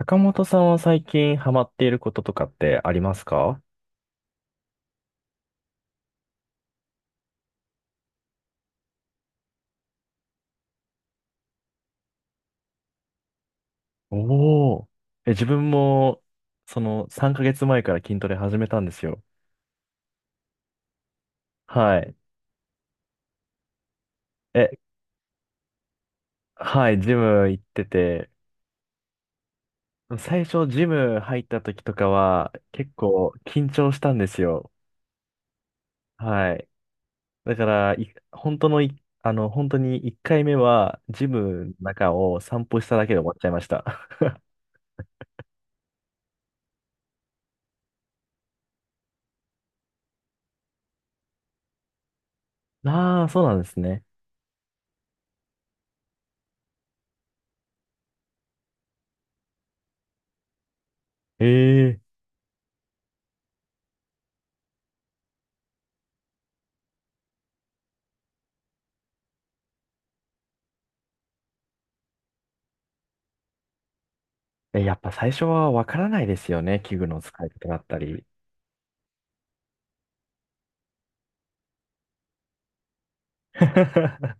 坂本さんは最近ハマっていることとかってありますか？おおー。自分も、その3ヶ月前から筋トレ始めたんですよ。はい。え、はい、ジム行ってて、最初ジム入った時とかは結構緊張したんですよ。はい。だから、い本当のい、あの、本当に1回目はジムの中を散歩しただけで終わっちゃいました。ああ、そうなんですね。えええやっぱ最初はわからないですよね。器具の使い方だったり。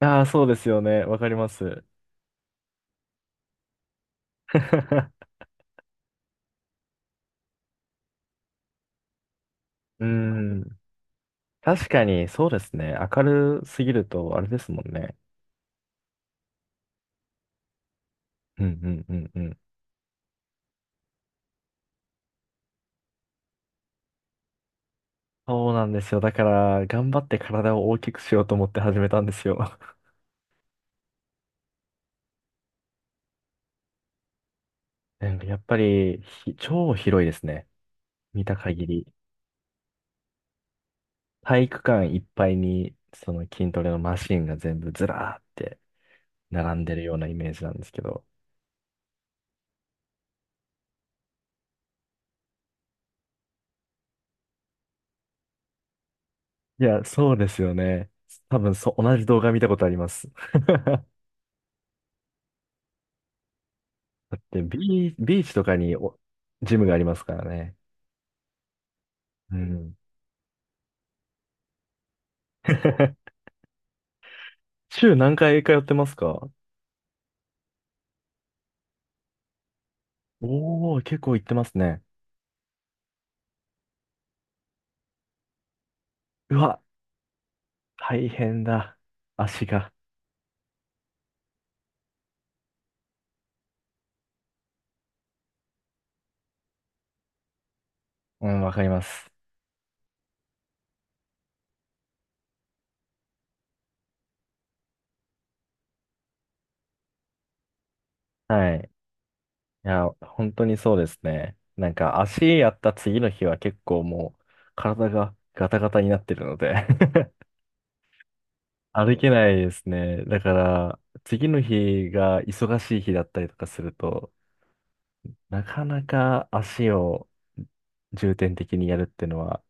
ああ、そうですよね。わかります。うーん。確かに、そうですね。明るすぎると、あれですもんね。うんうんうんうん。そうなんですよ。だから、頑張って体を大きくしようと思って始めたんですよ。なんかやっぱり、超広いですね。見た限り。体育館いっぱいに、その筋トレのマシンが全部ずらーって並んでるようなイメージなんですけど。いや、そうですよね。多分そう、同じ動画見たことあります。だってビーチとかにジムがありますからね。うん。週何回通ってますか？おー、結構行ってますね。うわ、大変だ。足が。うん、わかります。はい。いや、本当にそうですね。なんか足やった次の日は結構もう体がガタガタになってるので、 歩けないですね。だから、次の日が忙しい日だったりとかすると、なかなか足を重点的にやるっていうのは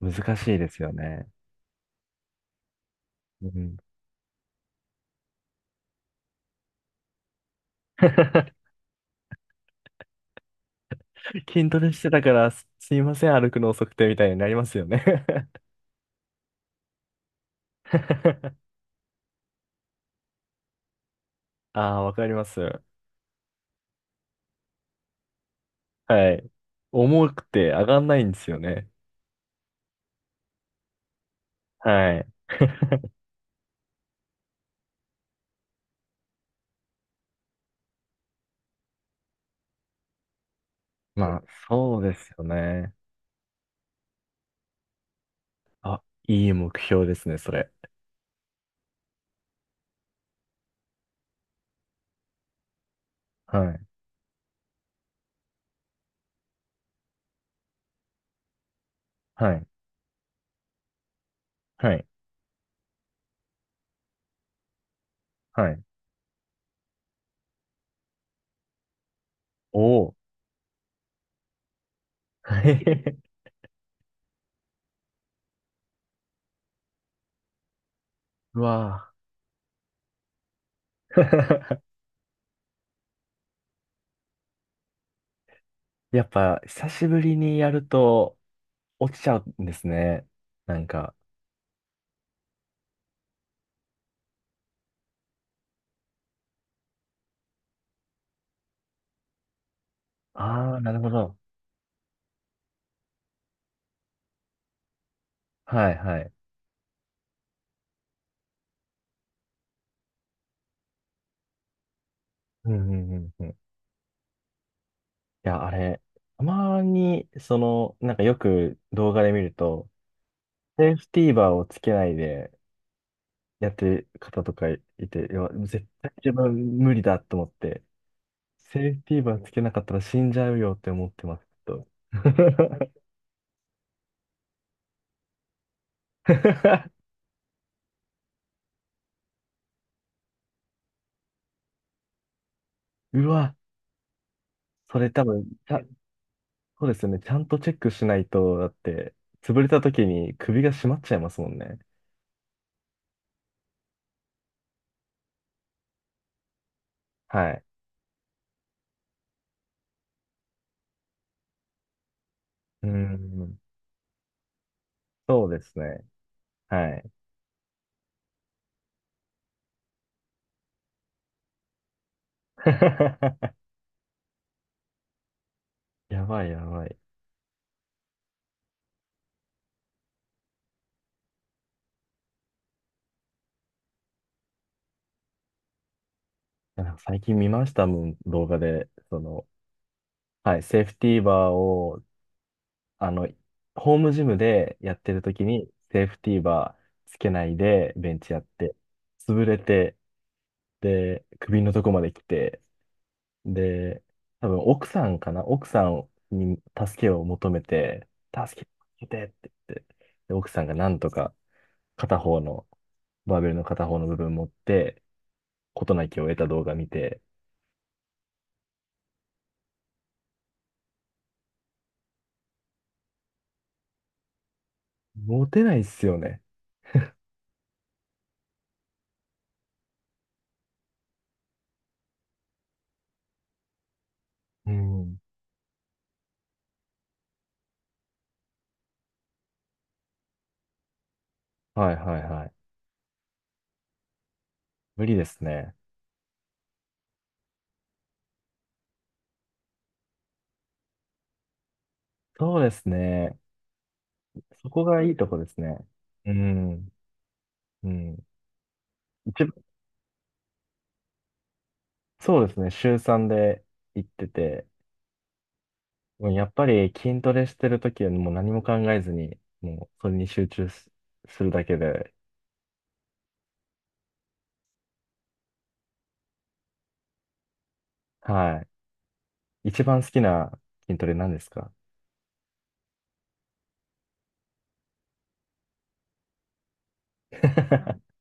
難しいですよね。うん。筋トレしてたから、すいません、歩くの遅くてみたいになりますよね？ ああ、わかります。はい。重くて上がんないんですよね。はい。まあ、そうですよね。あ、いい目標ですね、それ。はい。はい。はい。はい。おお。うわぁ。 やっぱ久しぶりにやると落ちちゃうんですね。なんか、ああ、なるほど。はいはい。うんうんうんうん。いや、あれ、たまに、なんかよく動画で見ると、セーフティーバーをつけないでやってる方とかいて、いや、絶対自分無理だと思って、セーフティーバーつけなかったら死んじゃうよって思ってます。ちょっと。 うわ、それ多分、そうですね。ちゃんとチェックしないと、だって、潰れた時に首が締まっちゃいますもんね。はい。うーん。そうですね。はい。やばいやばい。いや最近見ましたもん、動画で。はい、セーフティーバーを、あの、ホームジムでやってる時に、セーフティーバーつけないで、ベンチやって、潰れて、で、首のとこまで来て、で、多分奥さんかな奥さんに助けを求めて、助けてって言って、で、奥さんがなんとか片方の、バーベルの片方の部分持って、事なきを得た動画見て、モテないっすよね。うん。はいはいはい。無理ですね。そうですね。そこがいいとこですね。うん。うん。一番、そうですね。週3で行ってて、もうやっぱり筋トレしてるときはもう何も考えずに、もうそれに集中す、するだけで、はい。一番好きな筋トレ何ですか？ はい。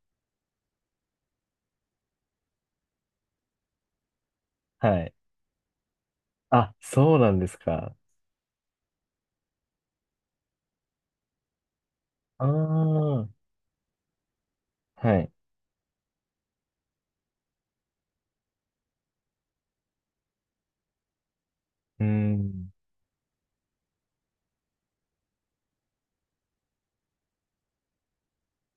あ、そうなんですか。ああ、はい。うーん。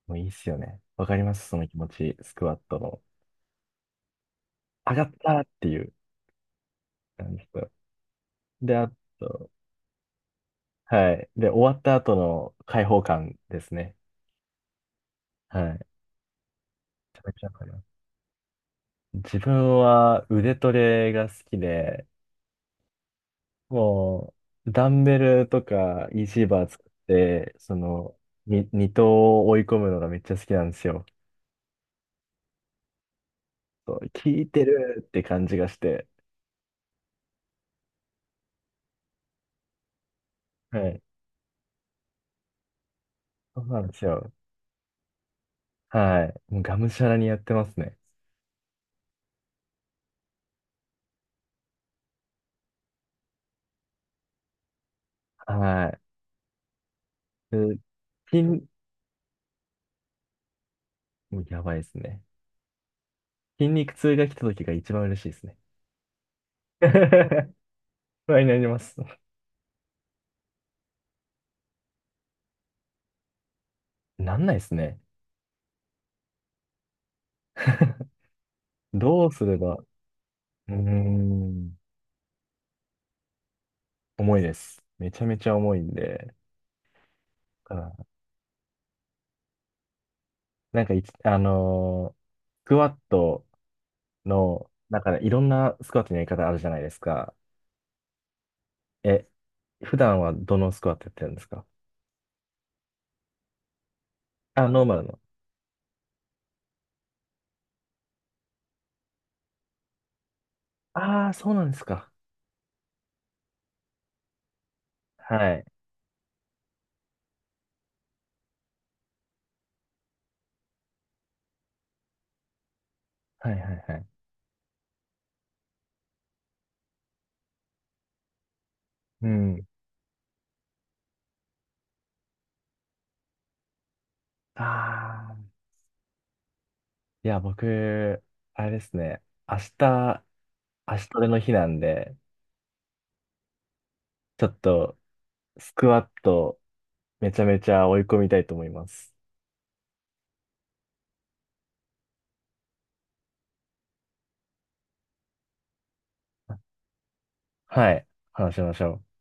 もういいっすよね。わかります、その気持ち。スクワットの。上がったっていう感じと。で、あと、はい。で、終わった後の解放感ですね。はい。めちゃめちゃわかります。自分は腕トレが好きで、もう、ダンベルとかイ c バー作って、二頭を追い込むのがめっちゃ好きなんですよ。そう効いてるって感じがして。はい。そうなんですよ。はい。もうがむしゃらにやってますね。はい。筋、もうやばいですね。筋肉痛が来た時が一番嬉しいですね。不安になります。なんないですね。どうすれば、うーん、重いです。めちゃめちゃ重いんで。なんかいつ、スクワットの、なんからいろんなスクワットのやり方あるじゃないですか。え、普段はどのスクワットやってるんですか？あ、ノーマルの。ああ、そうなんですか。はい。はいはいはい。うん。ああ。いや、僕、あれですね。明日、明日トレの日なんで、ちょっと、スクワット、めちゃめちゃ追い込みたいと思います。はい。話しましょう。